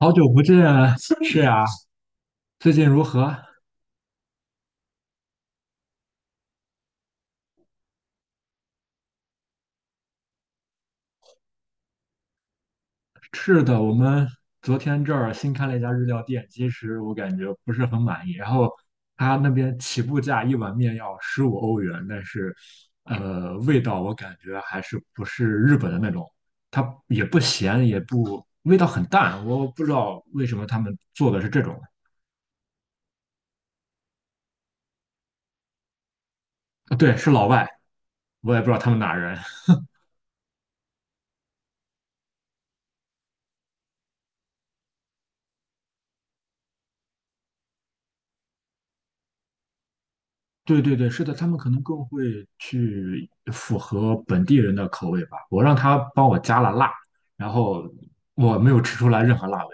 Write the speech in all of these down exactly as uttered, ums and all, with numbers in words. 好久不见啊，是呀，最近如何？是的，我们昨天这儿新开了一家日料店，其实我感觉不是很满意。然后他那边起步价一碗面要十五欧元，但是呃，味道我感觉还是不是日本的那种，它也不咸，也不，味道很淡。我不知道为什么他们做的是这种。啊对，是老外，我也不知道他们哪人。对对对，是的，他们可能更会去符合本地人的口味吧。我让他帮我加了辣，然后我没有吃出来任何辣味。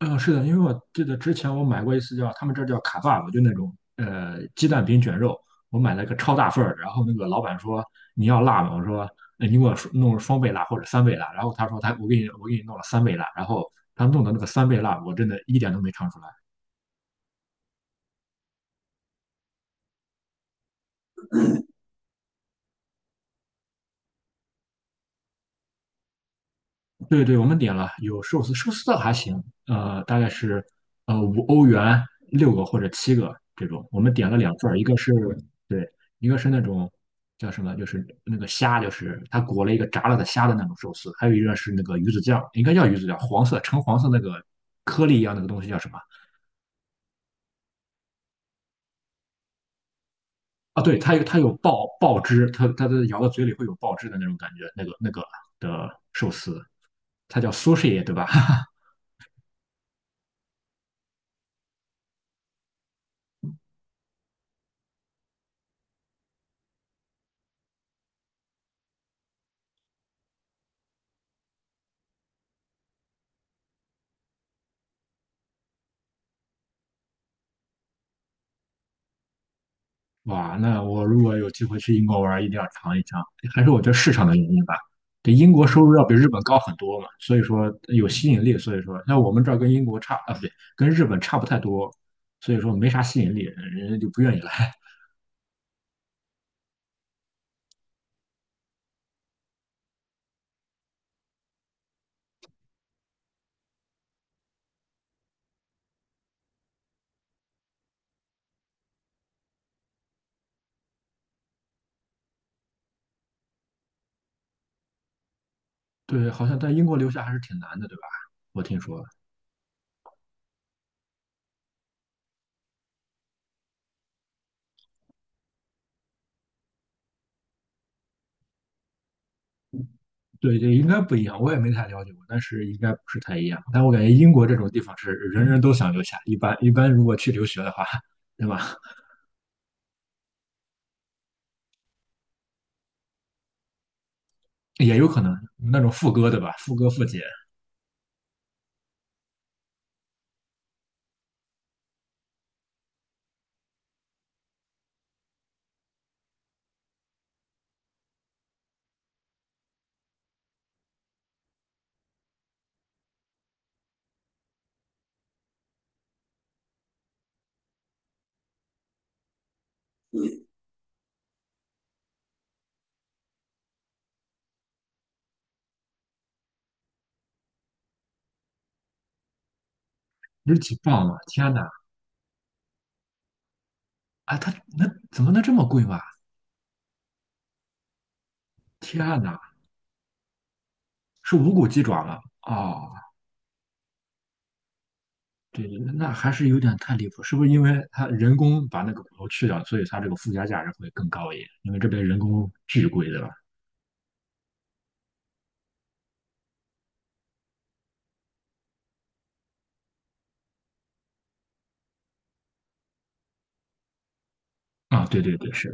嗯，是的，因为我记得之前我买过一次叫他们这儿叫卡爸爸就那种呃鸡蛋饼卷肉，我买了个超大份儿，然后那个老板说你要辣吗？我说，呃你给我弄双倍辣或者三倍辣，然后他说他我给你我给你弄了三倍辣，然后他弄的那个三倍辣，我真的一点都没尝出来。对对，我们点了有寿司，寿司倒还行，呃，大概是呃五欧元六个或者七个这种。我们点了两份儿，一个是对，一个是那种叫什么，就是那个虾，就是它裹了一个炸了的虾的那种寿司，还有一个是那个鱼子酱，应该叫鱼子酱，黄色橙黄色那个颗粒一样那个东西叫什么？啊，对，它有它有爆爆汁，它它的咬到嘴里会有爆汁的那种感觉，那个那个的寿司，它叫 sushi 对吧？哇，那我如果有机会去英国玩儿一定要尝一尝。还是我觉得市场的原因吧，这英国收入要比日本高很多嘛，所以说有吸引力。所以说，那我们这儿跟英国差啊，不对，跟日本差不太多，所以说没啥吸引力，人家就不愿意来。对，好像在英国留下还是挺难的，对吧？我听说，对对，应该不一样，我也没太了解过，但是应该不是太一样。但我感觉英国这种地方是人人都想留下，一般一般如果去留学的话，对吧？也有可能那种副歌，对吧？副歌、副姐。日几磅啊！天呐，啊，它那怎么能这么贵嘛？天呐，是无骨鸡爪吗？哦，对，对，那还是有点太离谱，是不是因为它人工把那个骨头去掉，所以它这个附加价值会更高一点？因为这边人工巨贵，对吧？啊，对对对，是，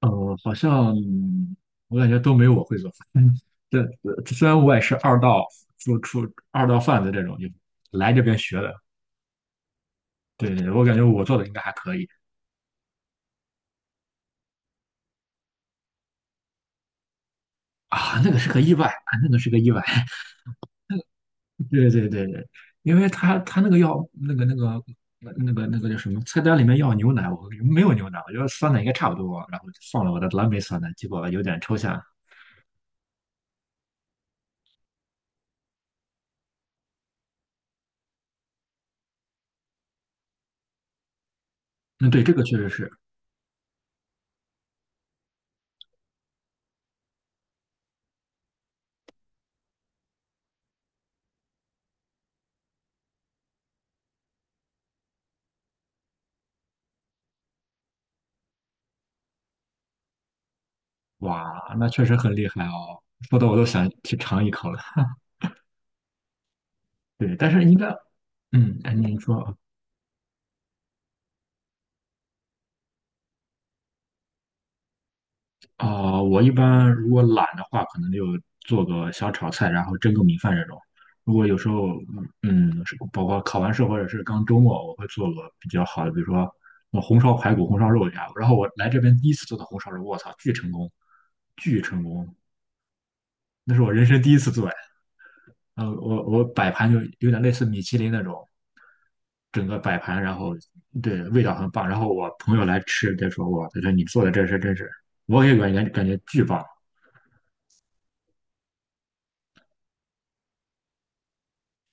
呃，好像嗯我感觉都没有我会做饭。嗯，这这虽然我也是二道做出二道贩子这种，就来这边学的。对对，我感觉我做的应该还可以啊，那个是个意外，啊，那个是个意外。对对对对，因为他他那个要那个那个那个那个叫什么菜单里面要牛奶，我没有牛奶，我觉得酸奶应该差不多，然后就放了我的蓝莓酸奶，结果有点抽象。嗯，对，这个确实是，哇，那确实很厉害哦，说的我都想去尝一口了。对，但是应该，嗯，哎，你说啊，啊，我一般如果懒的话，可能就做个小炒菜，然后蒸个米饭这种。如果有时候，嗯，是包括考完试或者是刚周末，我会做个比较好的，比如说呃红烧排骨、红烧肉呀。然后我来这边第一次做的红烧肉，我操，巨成功，巨成功！那是我人生第一次做呀。呃，我我摆盘就有点类似米其林那种，整个摆盘，然后对味道很棒。然后我朋友来吃，他说我，他说你做的这是真是，我也感觉感觉巨棒。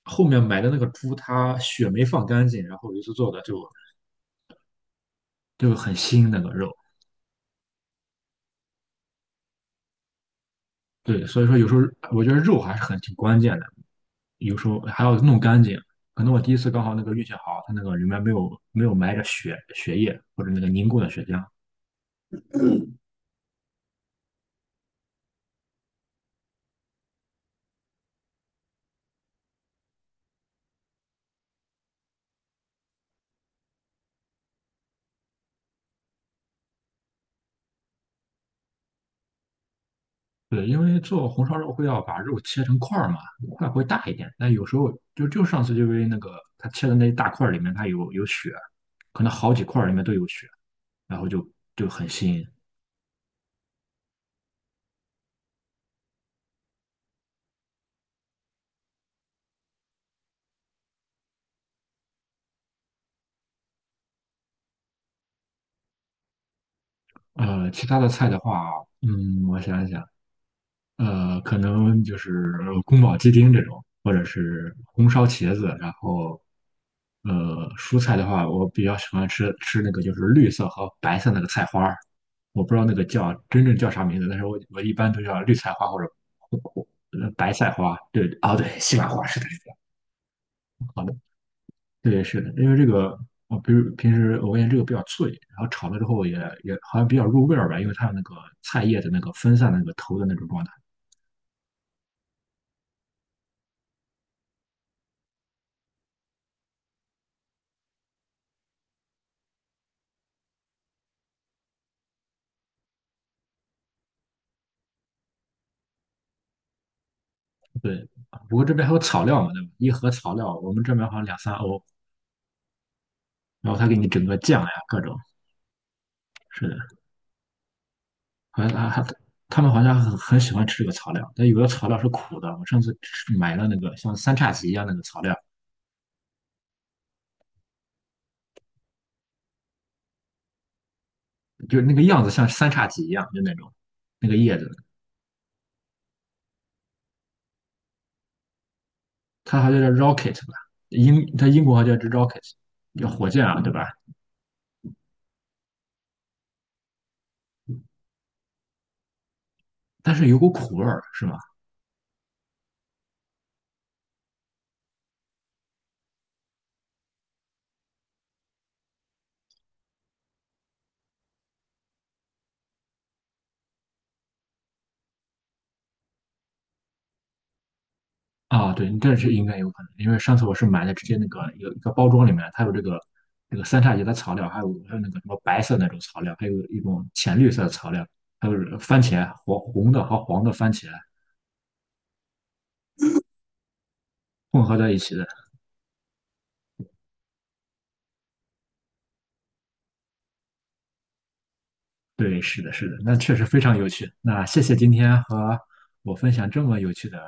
后面买的那个猪，它血没放干净，然后一次做的就就很腥那个肉。对，所以说有时候我觉得肉还是很挺关键的，有时候还要弄干净。可能我第一次刚好那个运气好，它那个里面没有没有埋着血血液或者那个凝固的血浆。对，因为做红烧肉会要把肉切成块儿嘛，块会大一点。但有时候就就上次就因为那个它切的那一大块儿里面它有有血，可能好几块儿里面都有血，然后就就很腥。呃，其他的菜的话，嗯，我想一想，呃，可能就是呃宫保鸡丁这种，或者是红烧茄子，然后，呃，蔬菜的话，我比较喜欢吃吃那个就是绿色和白色那个菜花儿，我不知道那个叫真正叫啥名字，但是我我一般都叫绿菜花或者或或呃白菜花，对，哦对，西兰花是的，对，是的，因为这个，我比如平时我发现这个比较脆，然后炒了之后也也好像比较入味儿吧，因为它有那个菜叶的那个分散的那个头的那种状态。对，啊不过这边还有草料嘛，对吧？一盒草料，我们这边好像两三欧，然后他给你整个酱呀，各种，是的，好像他他他们好像很很喜欢吃这个草料，但有的草料是苦的。我上次吃买了那个像三叉戟一样那个草料，就是那个样子像三叉戟一样，就那种那个叶子，它好像叫 rocket 吧，英它英国好像叫 rocket，叫火箭啊，对吧？但是有股苦味儿，是吗？啊，对，这是应该有可能，因为上次我是买的直接那个一个一个包装里面，它有这个这个三叉戟的草料，还有还有那个什么白色那种草料，还有一种浅绿色的草料，还有番茄黄红的和黄的番茄混合在一起的。对，是的，是的，那确实非常有趣。那谢谢今天和我分享这么有趣的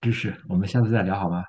知识，我们下次再聊好吗？